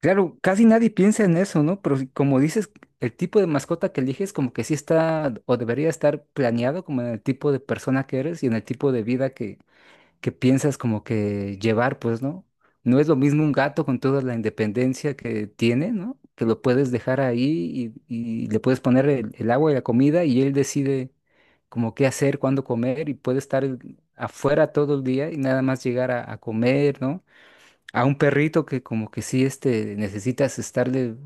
Claro, casi nadie piensa en eso, ¿no? Pero como dices, el tipo de mascota que eliges como que sí está o debería estar planeado como en el tipo de persona que eres y en el tipo de vida que piensas como que llevar, pues, ¿no? No es lo mismo un gato con toda la independencia que tiene, ¿no? Que lo puedes dejar ahí y le puedes poner el agua y la comida y él decide como qué hacer, cuándo comer y puede estar afuera todo el día y nada más llegar a comer, ¿no? A un perrito que como que sí, este, necesitas estarle,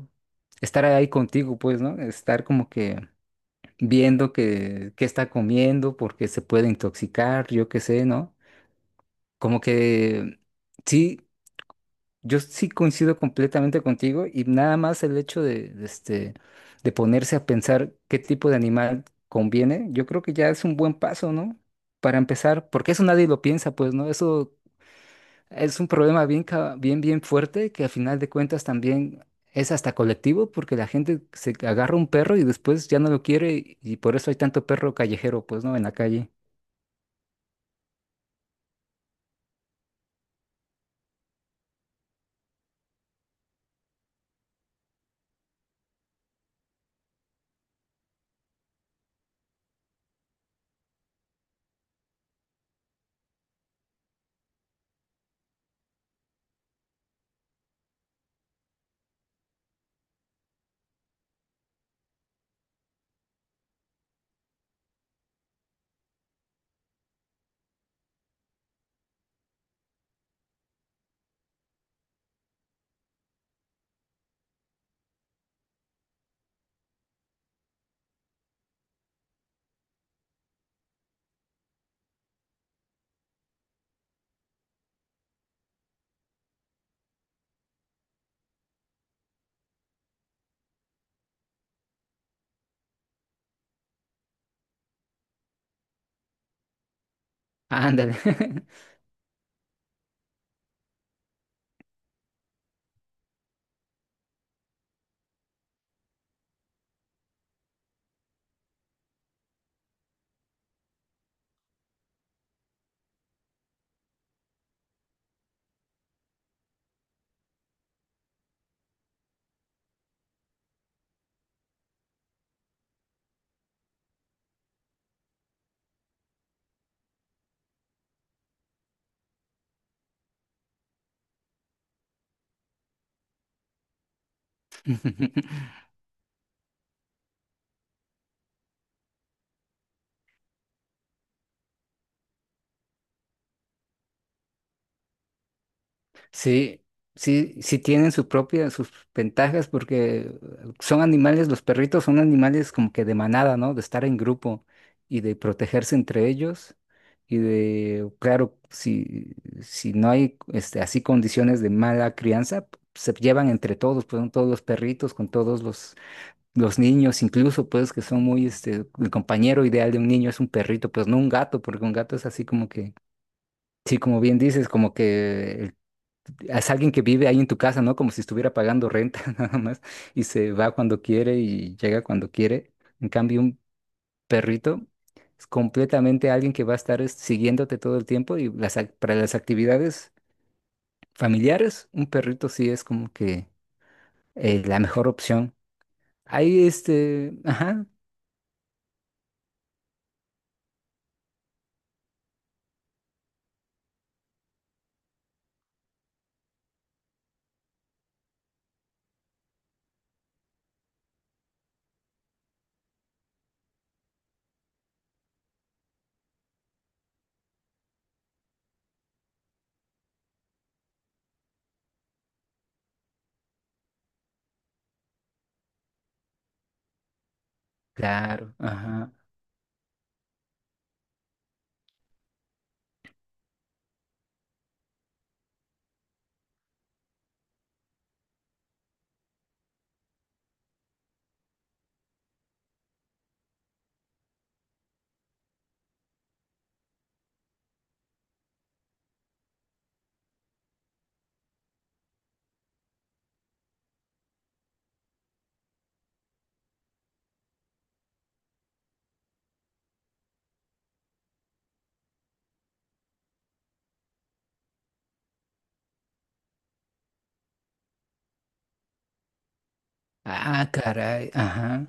estar ahí contigo, pues, ¿no? Estar como que viendo qué está comiendo, porque se puede intoxicar, yo qué sé, ¿no? Como que sí, yo sí coincido completamente contigo y nada más el hecho de este, de ponerse a pensar qué tipo de animal conviene, yo creo que ya es un buen paso, ¿no? Para empezar, porque eso nadie lo piensa, pues, ¿no? Eso es un problema bien, bien, bien fuerte que a final de cuentas también es hasta colectivo porque la gente se agarra un perro y después ya no lo quiere y por eso hay tanto perro callejero, pues, ¿no? En la calle. Ah, ándale. Sí, sí, sí tienen su propia, sus ventajas porque son animales, los perritos son animales como que de manada, ¿no? De estar en grupo y de protegerse entre ellos y de, claro, si, si no hay este, así condiciones de mala crianza, se llevan entre todos, pues con todos los perritos, con todos los niños, incluso pues que son muy, este, el compañero ideal de un niño es un perrito, pues no un gato, porque un gato es así como que... Sí, como bien dices, como que es alguien que vive ahí en tu casa, ¿no? Como si estuviera pagando renta nada más y se va cuando quiere y llega cuando quiere. En cambio, un perrito es completamente alguien que va a estar es, siguiéndote todo el tiempo y las, para las actividades familiares, un perrito sí es como que la mejor opción. Ahí este, ajá, claro, ajá. Ah, caray, ajá.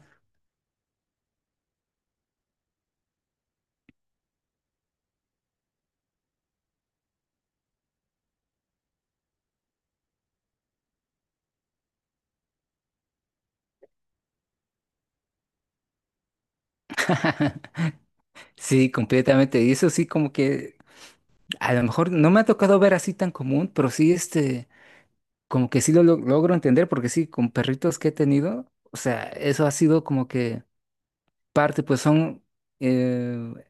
Sí, completamente. Y eso sí como que a lo mejor no me ha tocado ver así tan común, pero sí este... Como que sí lo logro entender, porque sí, con perritos que he tenido, o sea, eso ha sido como que parte, pues son, eh,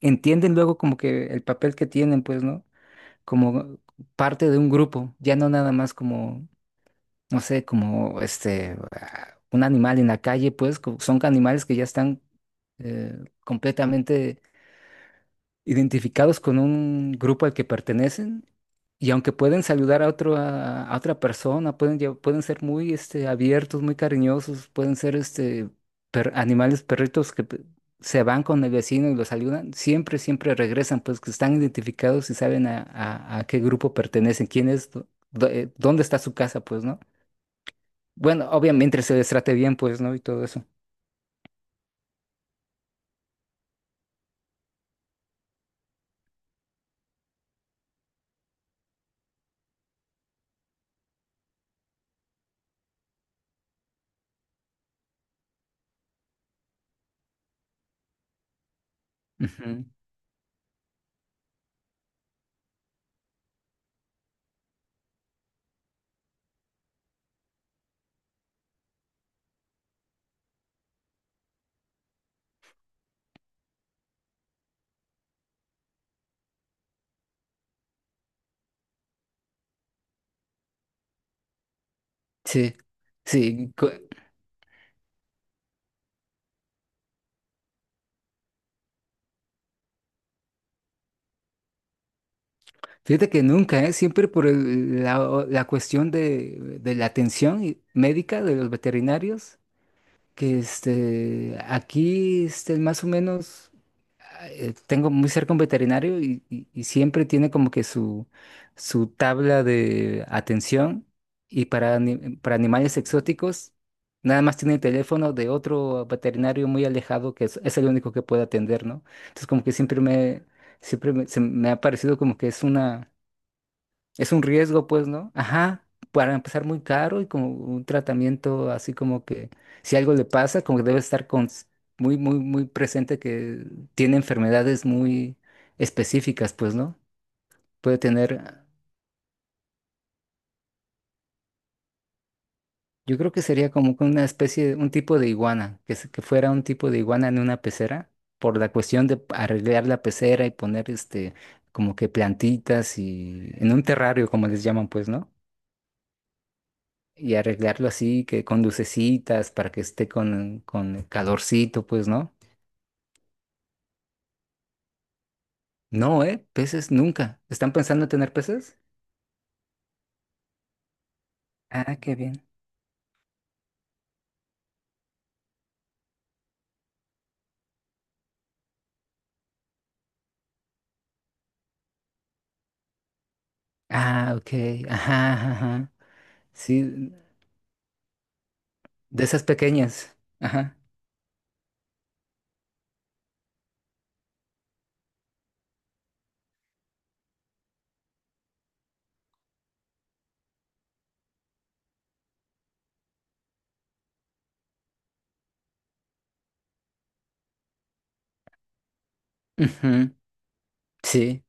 entienden luego como que el papel que tienen, pues, ¿no? Como parte de un grupo, ya no nada más como, no sé, como este, ah, un animal en la calle, pues, son animales que ya están eh, completamente identificados con un grupo al que pertenecen y aunque pueden saludar a otro, a otra persona, pueden, pueden ser muy este, abiertos, muy cariñosos, pueden ser este, animales, perritos que se van con el vecino y los saludan, siempre, siempre regresan, pues que están identificados y saben a qué grupo pertenecen, quién es, dónde está su casa, pues, ¿no? Bueno, obviamente se les trate bien, pues, ¿no? Y todo eso. Ujú. Sí, sí. Fíjate que nunca, ¿eh? Siempre por la, la cuestión de la atención médica de los veterinarios, que este, aquí este, más o menos ah, tengo muy cerca un veterinario y y siempre tiene como que su tabla de atención y para, para animales exóticos nada más tiene el teléfono de otro veterinario muy alejado que es el único que puede atender, ¿no? Entonces como que siempre me se me ha parecido como que es una es un riesgo, pues, ¿no? Ajá, para empezar muy caro y como un tratamiento así como que si algo le pasa, como que debe estar con, muy, muy, muy presente que tiene enfermedades muy específicas, pues, ¿no? Puede tener, yo creo que sería como que una especie, un tipo de iguana, que, que fuera un tipo de iguana en una pecera, por la cuestión de arreglar la pecera y poner este, como que plantitas y en un terrario, como les llaman, pues, ¿no? Y arreglarlo así, que con lucecitas, para que esté con calorcito, pues, ¿no? No, ¿eh? Peces nunca. ¿Están pensando en tener peces? Ah, qué bien. Ah, ok. Ajá, ajá. Ajá. Sí, de esas pequeñas. Ajá. Ujú. Sí.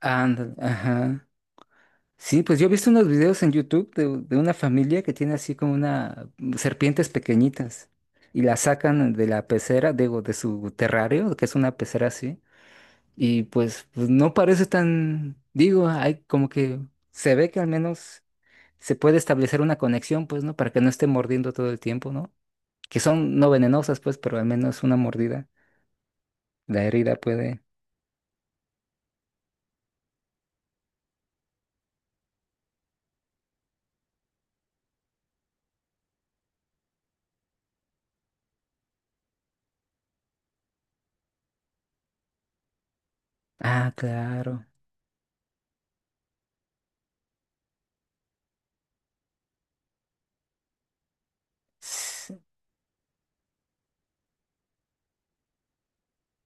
Ándale, ajá. Sí, pues yo he visto unos videos en YouTube de una familia que tiene así como una mm, serpientes pequeñitas y las sacan de la pecera, digo, de su terrario, que es una pecera así. Y pues, pues no parece tan, digo, hay como que se ve que al menos se puede establecer una conexión, pues, ¿no? Para que no esté mordiendo todo el tiempo, ¿no? Que son no venenosas, pues, pero al menos una mordida, la herida puede. Ah, claro. S-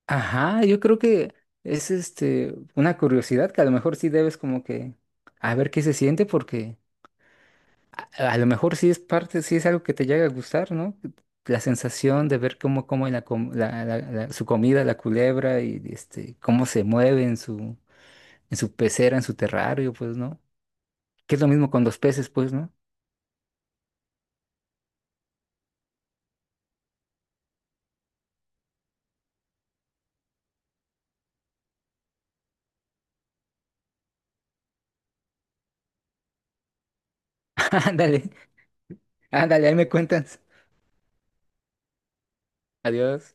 Ajá, yo creo que es este una curiosidad que a lo mejor sí debes como que a ver qué se siente porque a lo mejor sí es parte, sí es algo que te llega a gustar, ¿no? La sensación de ver cómo come la, su comida, la culebra, y este, cómo se mueve en su pecera, en su terrario, pues, ¿no? Que es lo mismo con los peces, pues, ¿no? Ándale, ándale, ahí me cuentas. Adiós.